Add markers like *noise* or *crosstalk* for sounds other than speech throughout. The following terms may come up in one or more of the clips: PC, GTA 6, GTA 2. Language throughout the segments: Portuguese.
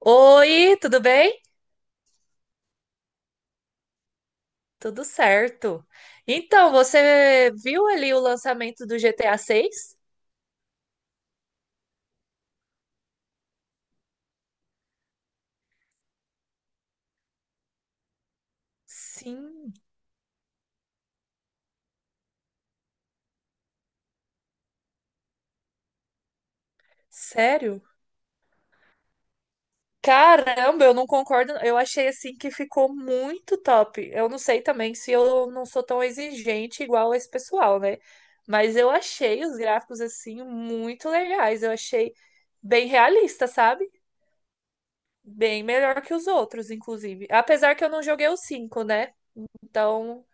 Oi, tudo bem? Tudo certo. Então, você viu ali o lançamento do GTA 6? Sim, sério? Caramba, eu não concordo. Eu achei assim que ficou muito top. Eu não sei também se eu não sou tão exigente igual esse pessoal, né? Mas eu achei os gráficos assim muito legais. Eu achei bem realista, sabe? Bem melhor que os outros, inclusive. Apesar que eu não joguei o 5, né? Então,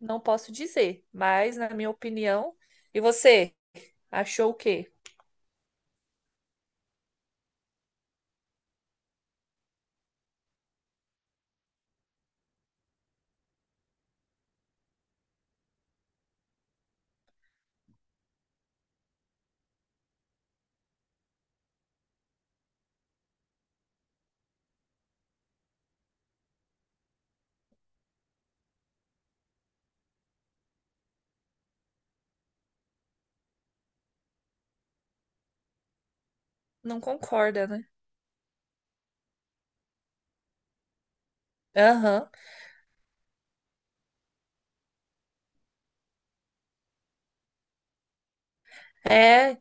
não posso dizer, mas na minha opinião. E você? Achou o quê? Não concorda, né? Aham. É,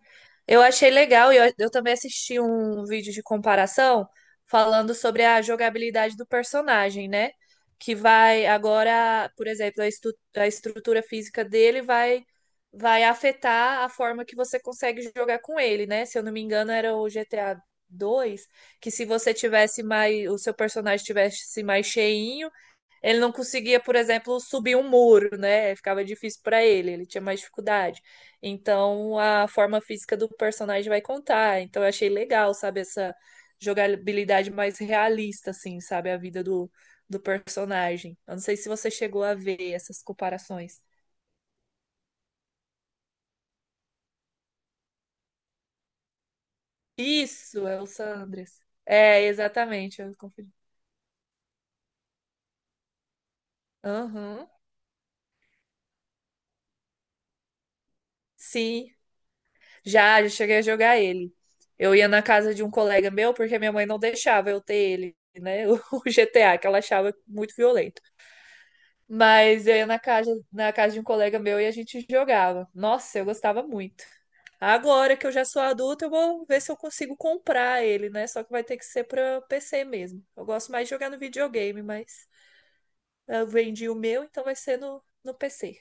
eu achei legal e eu também assisti um vídeo de comparação falando sobre a jogabilidade do personagem, né? Que vai agora, por exemplo, a estrutura física dele vai afetar a forma que você consegue jogar com ele, né? Se eu não me engano, era o GTA 2 que se você tivesse mais, o seu personagem tivesse mais cheinho. Ele não conseguia, por exemplo, subir um muro, né? Ficava difícil para ele, ele tinha mais dificuldade. Então, a forma física do personagem vai contar. Então, eu achei legal, sabe, essa jogabilidade mais realista, assim, sabe, a vida do personagem. Eu não sei se você chegou a ver essas comparações. Isso, é o Sandres. É, exatamente, eu confundi. Aham. Sim, já cheguei a jogar ele. Eu ia na casa de um colega meu porque minha mãe não deixava eu ter ele, né? *laughs* O GTA, que ela achava muito violento. Mas eu ia na casa de um colega meu e a gente jogava. Nossa, eu gostava muito. Agora que eu já sou adulta, eu vou ver se eu consigo comprar ele, né? Só que vai ter que ser pra PC mesmo. Eu gosto mais de jogar no videogame, mas eu vendi o meu, então vai ser no PC.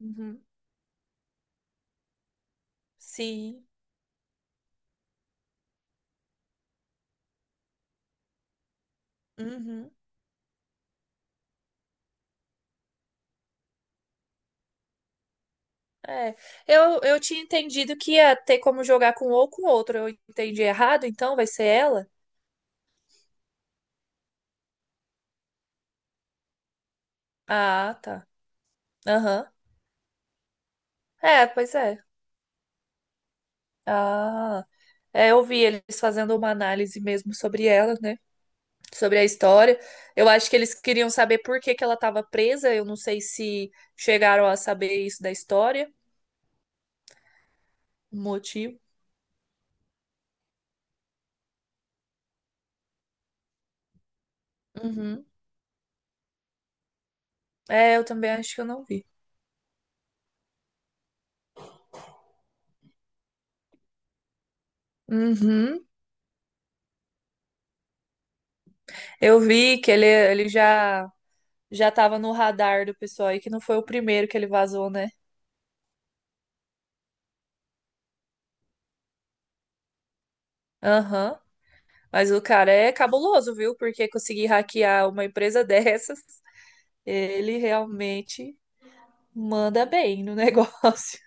Uhum. Sim. Uhum. É, eu tinha entendido que ia ter como jogar com um ou com outro. Eu entendi errado, então vai ser ela? Ah, tá. Aham. É, pois é. Ah, é, eu vi eles fazendo uma análise mesmo sobre ela, né? Sobre a história. Eu acho que eles queriam saber por que que ela estava presa. Eu não sei se chegaram a saber isso da história, o motivo. Uhum. É, eu também acho que eu não vi. Uhum. Eu vi que ele já tava no radar do pessoal aí, que não foi o primeiro que ele vazou, né? Aham. Mas o cara é cabuloso, viu? Porque conseguir hackear uma empresa *laughs* dessas, ele realmente manda bem no *laughs* negócio.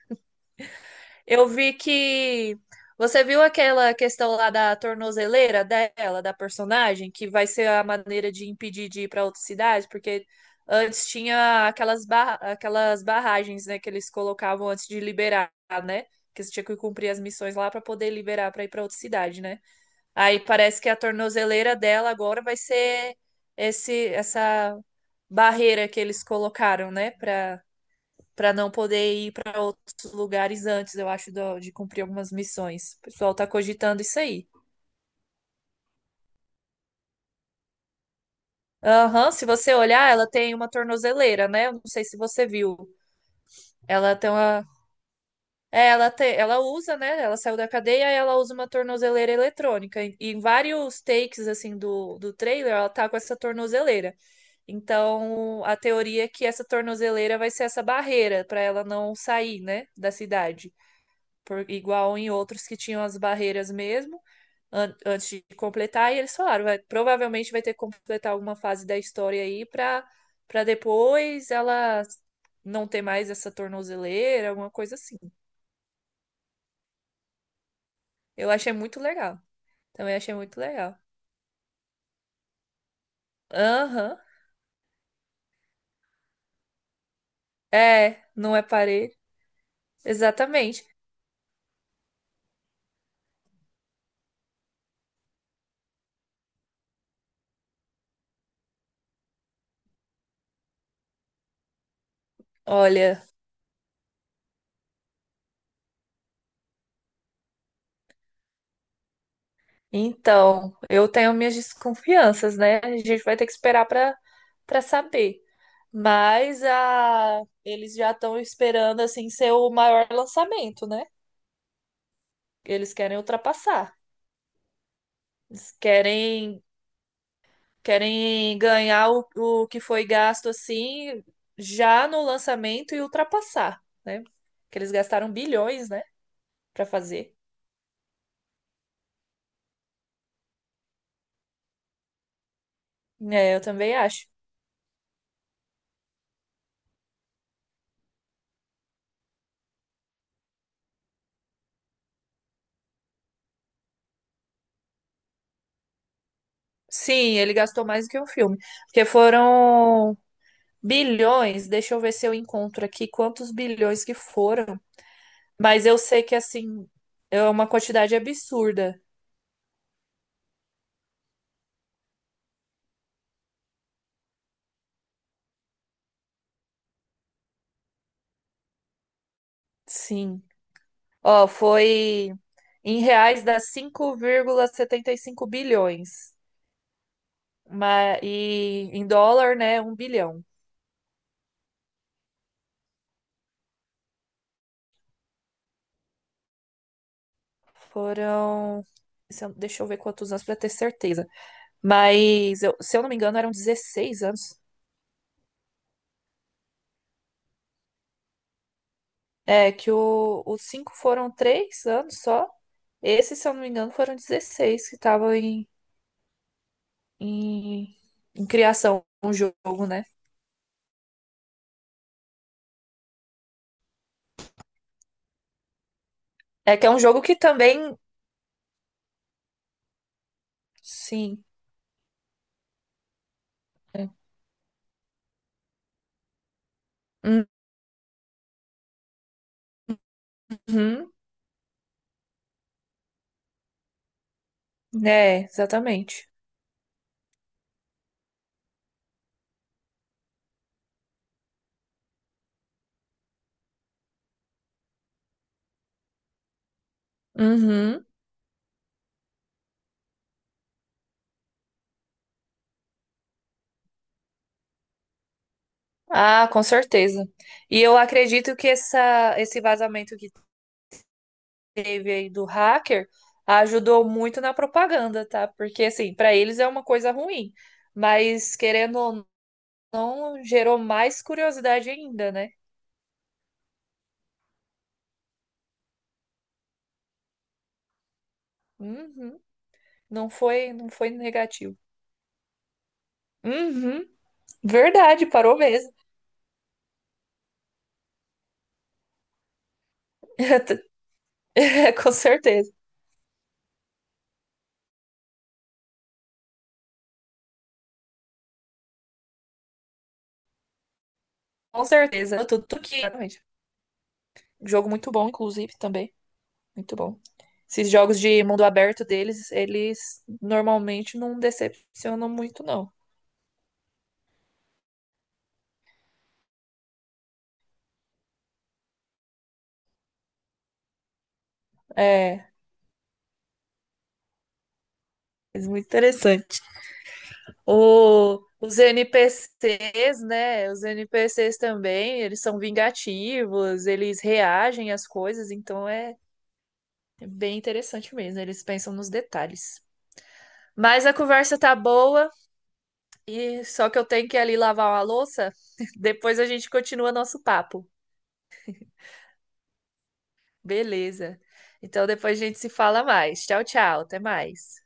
Eu vi que você viu aquela questão lá da tornozeleira dela, da personagem, que vai ser a maneira de impedir de ir para outras cidades, porque antes tinha aquelas barragens, né, que eles colocavam antes de liberar, né? Que você tinha que cumprir as missões lá para poder liberar para ir para outra cidade, né? Aí parece que a tornozeleira dela agora vai ser esse essa barreira que eles colocaram, né, para não poder ir para outros lugares antes, eu acho, de cumprir algumas missões. O pessoal tá cogitando isso aí. Aham, se você olhar, ela tem uma tornozeleira, né? Eu não sei se você viu. Ela tem uma. É, ela tem, ela usa, né? Ela saiu da cadeia e ela usa uma tornozeleira eletrônica. E em vários takes, assim, do trailer, ela tá com essa tornozeleira. Então, a teoria é que essa tornozeleira vai ser essa barreira para ela não sair, né, da cidade. Por, igual em outros que tinham as barreiras mesmo. Antes de completar, e eles falaram, vai, provavelmente vai ter que completar alguma fase da história aí para depois ela não ter mais essa tornozeleira, alguma coisa assim. Eu achei muito legal. Também achei muito legal. Aham. É, não é parede. Exatamente. Olha, então, eu tenho minhas desconfianças, né? A gente vai ter que esperar para saber. Mas a eles já estão esperando assim ser o maior lançamento, né? Eles querem ultrapassar. Eles querem ganhar o que foi gasto assim já no lançamento e ultrapassar, né? Que eles gastaram bilhões, né, para fazer. É, eu também acho. Sim, ele gastou mais do que um filme, porque foram bilhões. Deixa eu ver se eu encontro aqui quantos bilhões que foram, mas eu sei que assim é uma quantidade absurda. Sim. Ó, foi em reais dá 5,75 bilhões. Mas, e em dólar, né, um bilhão. Foram. Se eu- Deixa eu ver quantos anos para ter certeza. Mas, se eu não me engano, eram 16 anos. É, que os 5 foram 3 anos só. Esse, se eu não me engano, foram 16 que estavam em, em criação, um jogo, né? É que é um jogo que também. Sim. É. Uhum, né, exatamente. Uhum. Ah, com certeza. E eu acredito que esse vazamento que teve aí do hacker ajudou muito na propaganda, tá? Porque, assim, para eles é uma coisa ruim, mas querendo ou não, gerou mais curiosidade ainda, né? Uhum. Não foi negativo. Uhum. Verdade, parou mesmo. *laughs* É, com certeza. Com certeza. Tudo que. Exatamente. Jogo muito bom, inclusive, também. Muito bom. Esses jogos de mundo aberto deles, eles normalmente não decepcionam muito, não. É, é muito interessante. Os NPCs, né? Os NPCs também, eles são vingativos, eles reagem às coisas, então é bem interessante mesmo. Eles pensam nos detalhes. Mas a conversa tá boa, e só que eu tenho que ir ali lavar uma louça. *laughs* Depois a gente continua nosso papo. Beleza. Então depois a gente se fala mais. Tchau, tchau. Até mais.